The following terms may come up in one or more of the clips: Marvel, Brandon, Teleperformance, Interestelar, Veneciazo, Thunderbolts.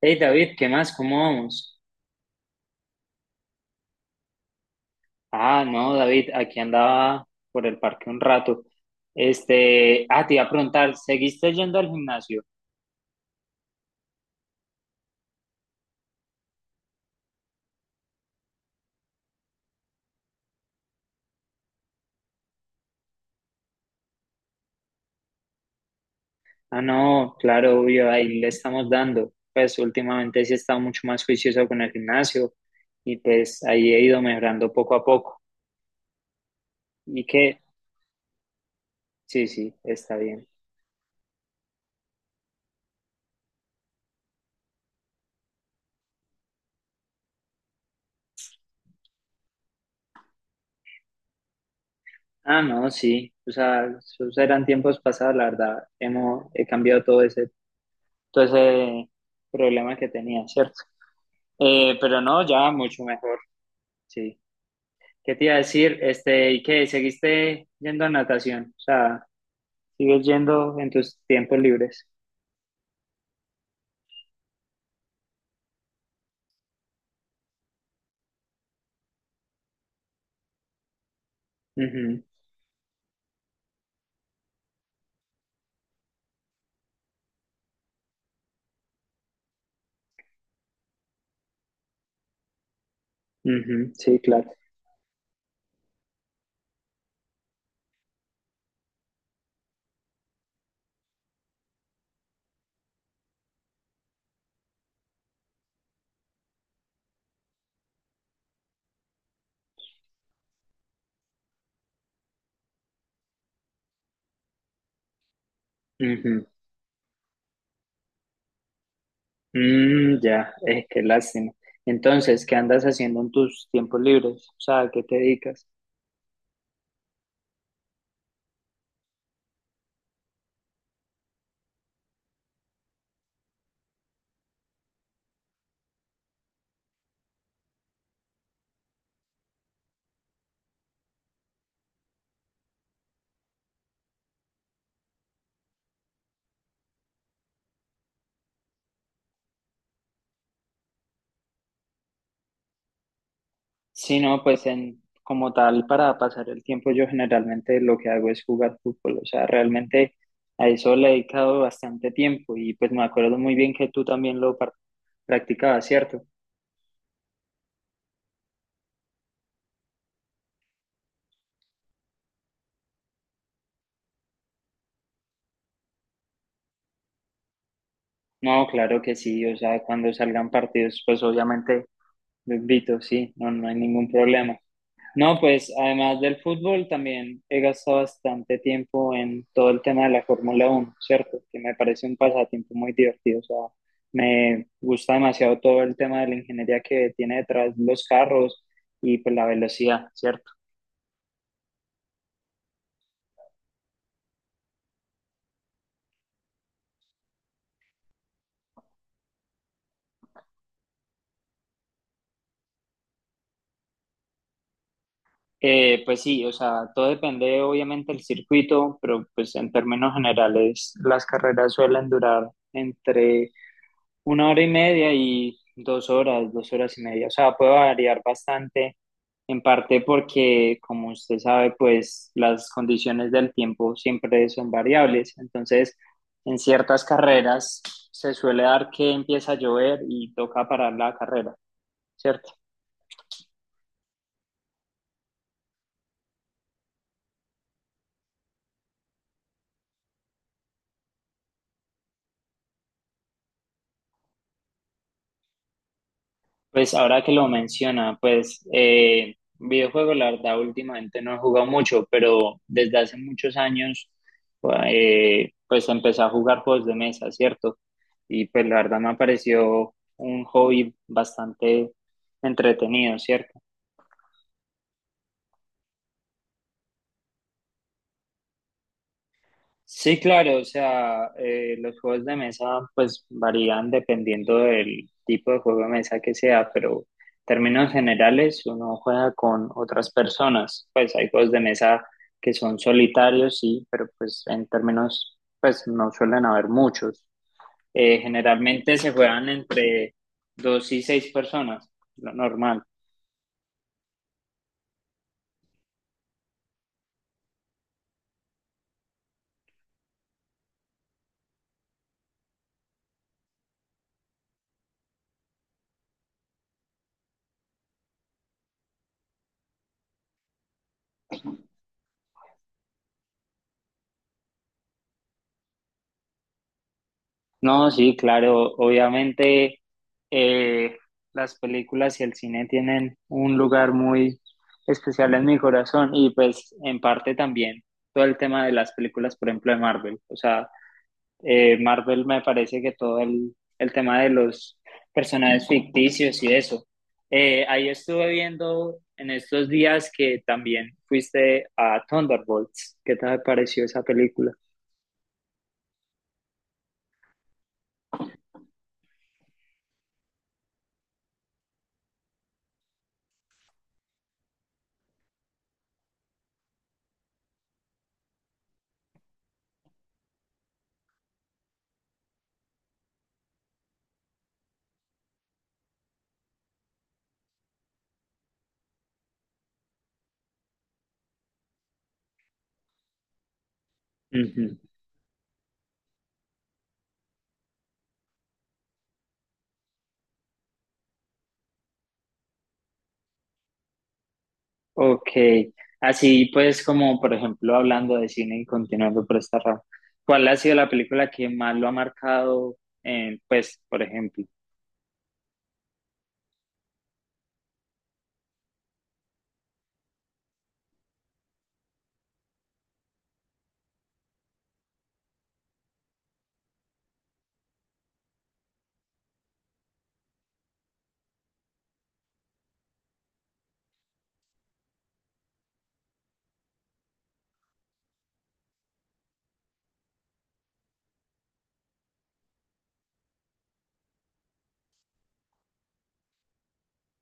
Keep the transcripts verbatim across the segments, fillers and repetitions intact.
Hey David, ¿qué más? ¿Cómo vamos? Ah, no, David, aquí andaba por el parque un rato. Este, ah, te iba a preguntar, ¿seguiste yendo al gimnasio? Ah, no, claro, obvio, ahí le estamos dando. Pues últimamente sí he estado mucho más juicioso con el gimnasio y pues ahí he ido mejorando poco a poco. ¿Y qué? Sí, sí, está bien. Ah, no, sí, o sea, esos eran tiempos pasados, la verdad. Hemos, he cambiado todo ese, todo ese problema que tenía, ¿cierto? Eh, pero no, ya mucho mejor, sí. ¿Qué te iba a decir? Este, ¿y qué? ¿Seguiste yendo a natación? O sea, ¿sigues yendo en tus tiempos libres? Ujú, ujú, sí, claro. Ujú. Mm, ya, eh, Qué lástima. Entonces, ¿qué andas haciendo en tus tiempos libres? O sea, ¿a qué te dedicas? Sí, no, pues en, como tal, para pasar el tiempo, yo generalmente lo que hago es jugar fútbol. O sea, realmente a eso le he dedicado bastante tiempo y pues me acuerdo muy bien que tú también lo par- practicabas, ¿cierto? No, claro que sí. O sea, cuando salgan partidos, pues obviamente lo invito, sí, no, no hay ningún problema. No, pues además del fútbol también he gastado bastante tiempo en todo el tema de la Fórmula Uno, ¿cierto? Que me parece un pasatiempo muy divertido. O sea, me gusta demasiado todo el tema de la ingeniería que tiene detrás los carros y pues la velocidad, ¿cierto? Eh, pues sí, o sea, todo depende obviamente del circuito, pero pues en términos generales las carreras suelen durar entre una hora y media y dos horas, dos horas y media. O sea, puede variar bastante, en parte porque, como usted sabe, pues las condiciones del tiempo siempre son variables. Entonces, en ciertas carreras se suele dar que empieza a llover y toca parar la carrera, ¿cierto? Pues ahora que lo menciona, pues eh, videojuegos, la verdad, últimamente no he jugado mucho, pero desde hace muchos años, eh, pues empecé a jugar juegos de mesa, ¿cierto? Y pues la verdad me pareció un hobby bastante entretenido, ¿cierto? Sí, claro, o sea, eh, los juegos de mesa pues varían dependiendo del tipo de juego de mesa que sea, pero en términos generales uno juega con otras personas, pues hay juegos de mesa que son solitarios, sí, pero pues en términos pues no suelen haber muchos. Eh, generalmente se juegan entre dos y seis personas, lo normal. No, sí, claro, obviamente eh, las películas y el cine tienen un lugar muy especial en mi corazón y pues en parte también todo el tema de las películas, por ejemplo, de Marvel. O sea, eh, Marvel me parece que todo el, el tema de los personajes ficticios y eso. Eh, ahí estuve viendo en estos días que también fuiste a Thunderbolts. ¿Qué te pareció esa película? Ok, así pues como por ejemplo hablando de cine y continuando por esta rama, ¿cuál ha sido la película que más lo ha marcado? Eh, pues por ejemplo,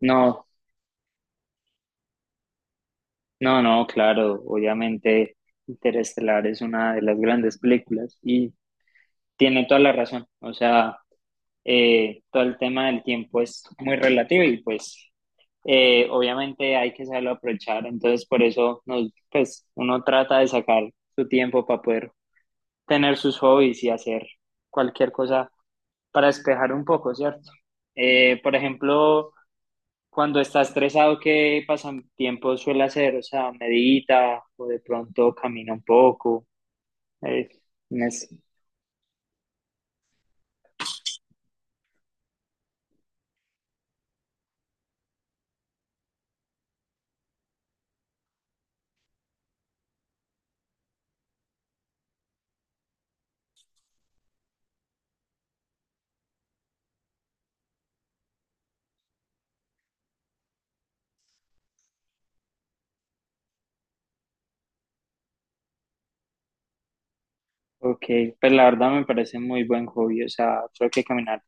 no, no, no, claro, obviamente Interestelar es una de las grandes películas y tiene toda la razón, o sea, eh, todo el tema del tiempo es muy relativo y pues eh, obviamente hay que saberlo aprovechar, entonces por eso nos, pues uno trata de sacar su tiempo para poder tener sus hobbies y hacer cualquier cosa para despejar un poco, ¿cierto? Eh, por ejemplo, cuando está estresado, ¿qué pasatiempo suele hacer? O sea, medita o de pronto camina un poco. Eh, no sé. Ok, pues la verdad me parece muy buen hobby, o sea, creo que caminar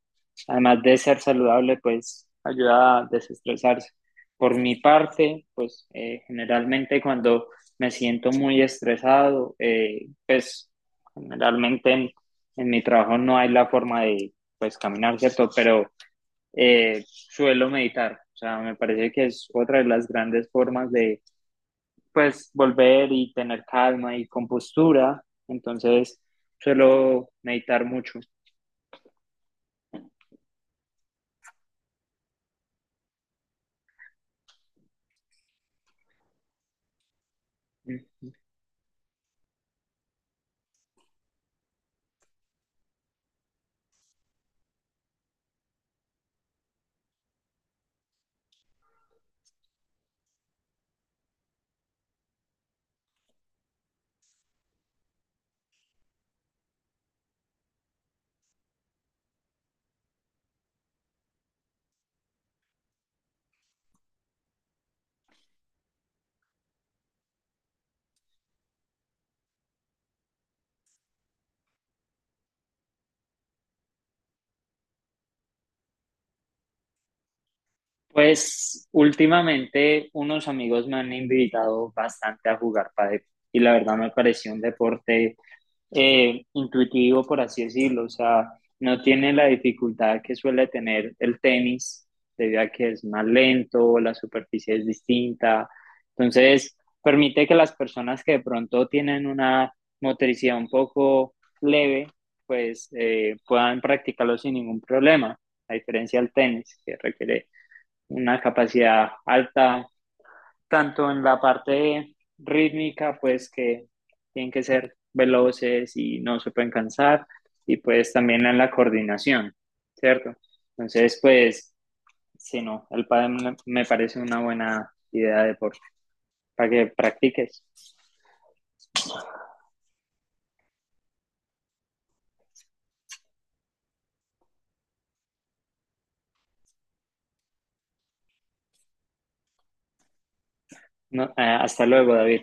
además de ser saludable, pues ayuda a desestresarse. Por mi parte, pues eh, generalmente cuando me siento muy estresado, eh, pues generalmente en, en, mi trabajo no hay la forma de pues caminar, ¿cierto? Pero eh, suelo meditar, o sea, me parece que es otra de las grandes formas de pues volver y tener calma y compostura, entonces suelo meditar mucho. Uh Pues últimamente unos amigos me han invitado bastante a jugar pádel y la verdad me pareció un deporte eh, intuitivo, por así decirlo. O sea, no tiene la dificultad que suele tener el tenis, debido a que es más lento, la superficie es distinta. Entonces, permite que las personas que de pronto tienen una motricidad un poco leve, pues eh, puedan practicarlo sin ningún problema, a diferencia del tenis, que requiere una capacidad alta, tanto en la parte rítmica, pues que tienen que ser veloces y no se pueden cansar, y pues también en la coordinación, ¿cierto? Entonces, pues, sí, no, el pádel me parece una buena idea de deporte para que practiques. No, eh, hasta luego, David.